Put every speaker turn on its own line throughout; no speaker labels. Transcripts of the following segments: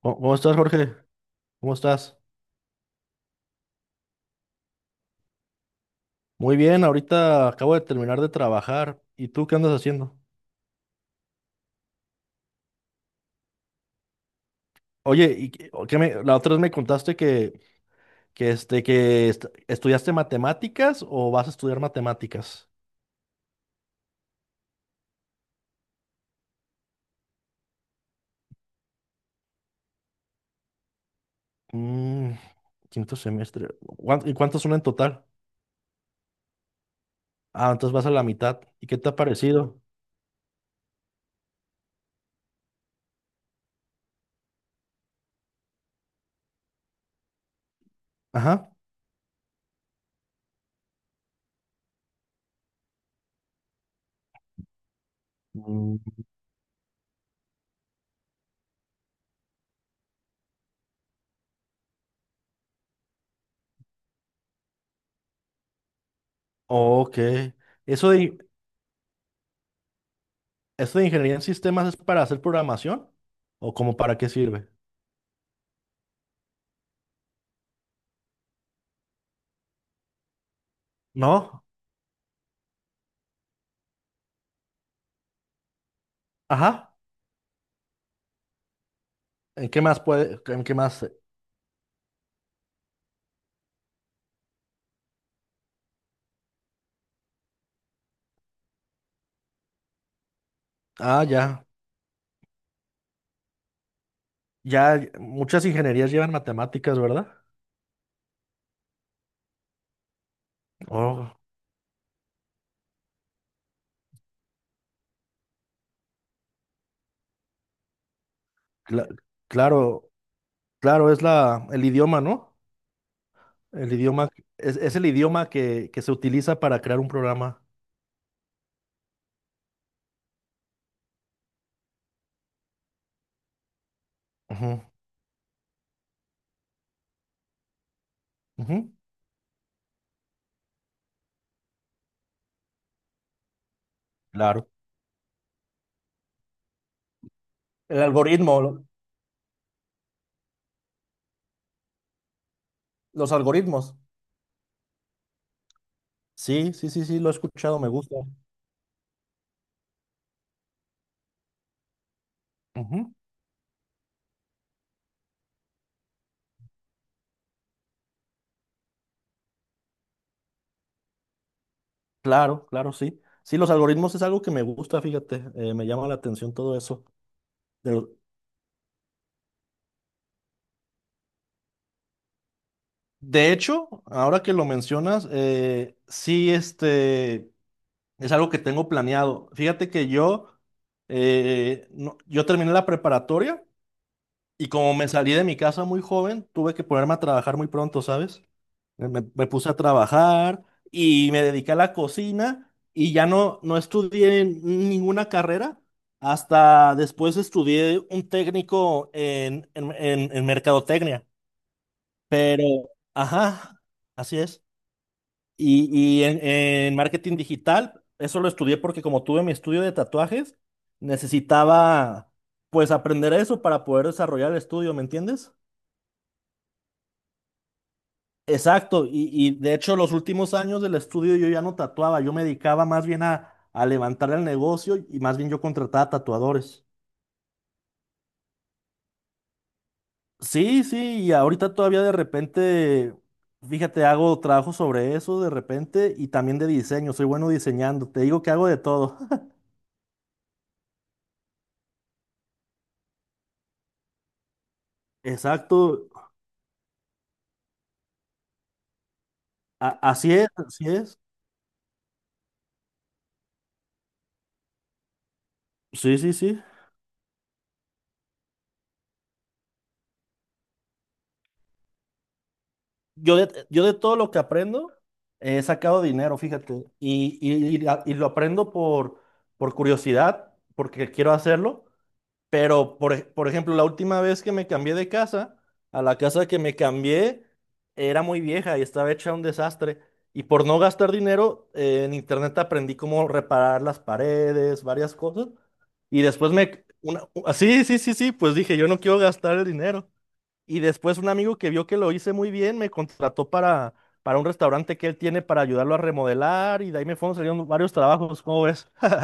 ¿Cómo estás, Jorge? ¿Cómo estás? Muy bien, ahorita acabo de terminar de trabajar. ¿Y tú qué andas haciendo? Oye, ¿y qué o la otra vez me contaste que estudiaste matemáticas o vas a estudiar matemáticas? Mm, quinto semestre. ¿Y cuántos son en total? Ah, entonces vas a la mitad. ¿Y qué te ha parecido? Ajá. Mm, ok. ¿Eso de, eso de ingeniería en sistemas es para hacer programación? ¿O como para qué sirve? No. Ajá. ¿En qué más puede, en qué más? Ah, ya, ya, muchas ingenierías llevan matemáticas, ¿verdad? Oh, cla- claro, claro, es la, el idioma, ¿no? El idioma, es el idioma que se utiliza para crear un programa. Ujú, ujú, claro. El los algoritmos. Sí, sí, sí, sí, lo he escuchado, me gusta. Ujú, claro, claro, sí. Sí, los algoritmos es algo que me gusta, fíjate, me llama la atención todo eso. De hecho, ahora que lo mencionas, sí, este, es algo que tengo planeado. Fíjate que yo, no- yo terminé la preparatoria y como me salí de mi casa muy joven, tuve que ponerme a trabajar muy pronto, ¿sabes? Me puse a trabajar y me dediqué a la cocina y ya no, no estudié ninguna carrera. Hasta después estudié un técnico en mercadotecnia. Pero, ajá, así es. Y, y en marketing digital, eso lo estudié porque como tuve mi estudio de tatuajes, necesitaba pues aprender eso para poder desarrollar el estudio, ¿me entiendes? Exacto, y de hecho los últimos años del estudio yo ya no tatuaba, yo me dedicaba más bien a levantar el negocio y más bien yo contrataba tatuadores. Sí, sí, y ahorita todavía de repente, fíjate, hago trabajo sobre eso de repente y también de diseño, soy bueno diseñando, te digo que hago de todo. Exacto, así es, así es. Sí, sí, sí. Yo de todo lo que aprendo he sacado dinero, fíjate. Y lo aprendo por curiosidad, porque quiero hacerlo. Pero, por ejemplo, la última vez que me cambié de casa, a la casa que me cambié era muy vieja y estaba hecha un desastre. Y por no gastar dinero, en internet aprendí cómo reparar las paredes, varias cosas. Y después me... Una, ah, sí, sí, sí, sí, pues dije, yo no quiero gastar el dinero. Y después un amigo que vio que lo hice muy bien me contrató para un restaurante que él tiene para ayudarlo a remodelar y de ahí me fueron saliendo varios trabajos, ¿cómo ves?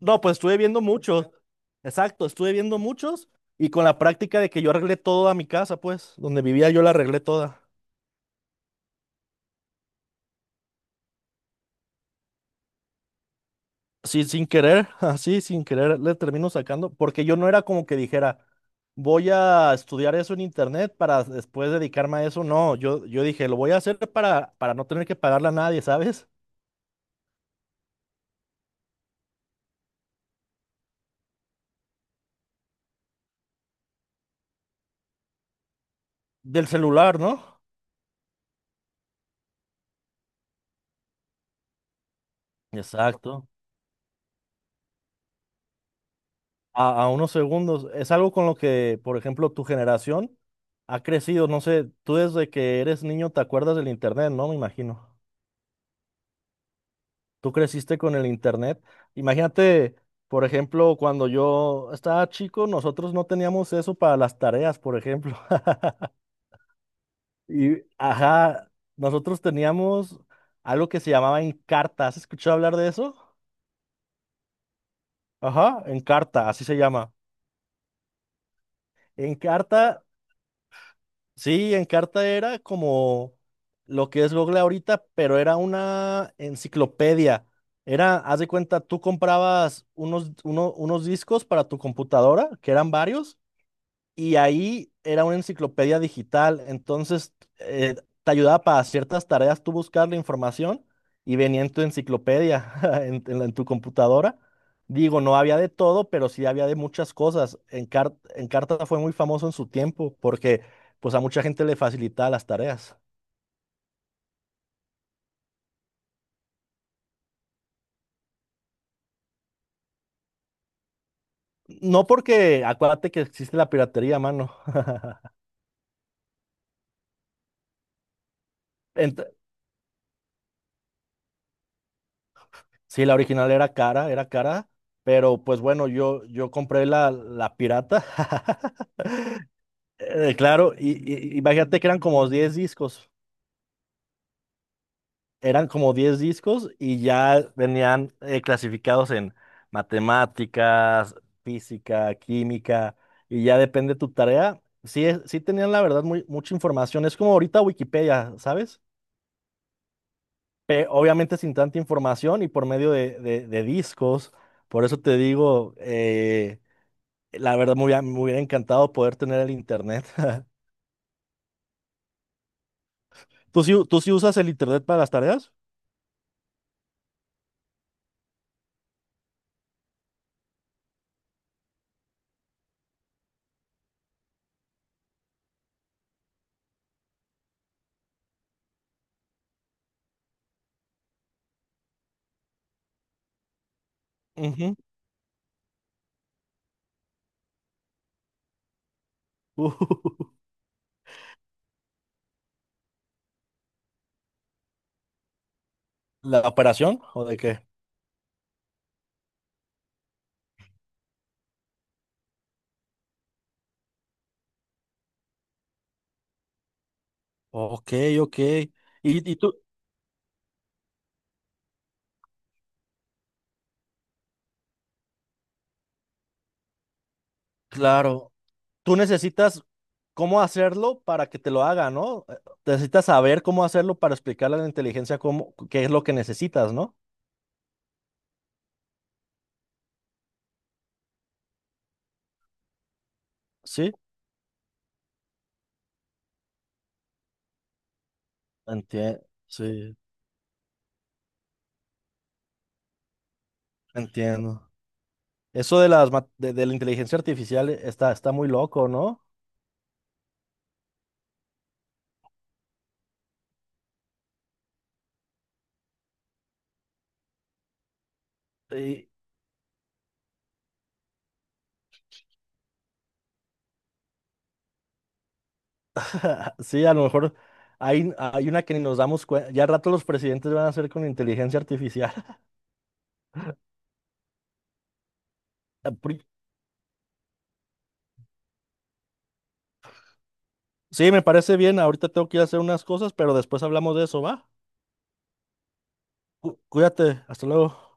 No, pues estuve viendo muchos. Exacto, estuve viendo muchos y con la práctica de que yo arreglé toda mi casa, pues, donde vivía yo la arreglé toda. Sí, sin querer, así, sin querer, le termino sacando, porque yo no era como que dijera, voy a estudiar eso en internet para después dedicarme a eso. No, yo dije, lo voy a hacer para no tener que pagarle a nadie, ¿sabes? Del celular, ¿no? Exacto. A unos segundos. Es algo con lo que, por ejemplo, tu generación ha crecido. No sé, tú desde que eres niño te acuerdas del internet, ¿no? Me imagino. Tú creciste con el internet. Imagínate, por ejemplo, cuando yo estaba chico, nosotros no teníamos eso para las tareas, por ejemplo. Y, ajá, nosotros teníamos algo que se llamaba Encarta. ¿Has escuchado hablar de eso? Ajá, Encarta, así se llama. Encarta, sí, Encarta era como lo que es Google ahorita, pero era una enciclopedia. Era, haz de cuenta, tú comprabas unos discos para tu computadora, que eran varios, y ahí era una enciclopedia digital, entonces eh, te ayudaba para ciertas tareas tú buscar la información y venía en tu enciclopedia, en tu computadora. Digo, no había de todo, pero sí había de muchas cosas. Encarta fue muy famoso en su tiempo porque pues a mucha gente le facilitaba las tareas. No porque, acuérdate que existe la piratería, mano. Ent- sí, la original era cara, pero pues bueno, yo compré la, la pirata. Claro, imagínate que eran como 10 discos, eran como 10 discos y ya venían clasificados en matemáticas, física, química, y ya depende tu tarea. Sí, sí tenían la verdad muy, mucha información, es como ahorita Wikipedia, ¿sabes? Obviamente sin tanta información y por medio de discos, por eso te digo, la verdad me hubiera encantado poder tener el internet. ¿Tú sí usas el internet para las tareas? Ujú. ¿La operación o de qué? Ok, ok. Y, y tú, claro, tú necesitas cómo hacerlo para que te lo haga, ¿no? Necesitas saber cómo hacerlo para explicarle a la inteligencia cómo, qué es lo que necesitas, ¿no? Sí, entiendo. Sí, entiendo. Eso de las de la inteligencia artificial está, está muy loco, ¿no? Sí, a lo mejor hay, hay una que ni nos damos cuenta. Ya al rato los presidentes van a hacer con inteligencia artificial. Pri- sí, me parece bien. Ahorita tengo que ir a hacer unas cosas, pero después hablamos de eso, ¿va? Cuídate, hasta luego.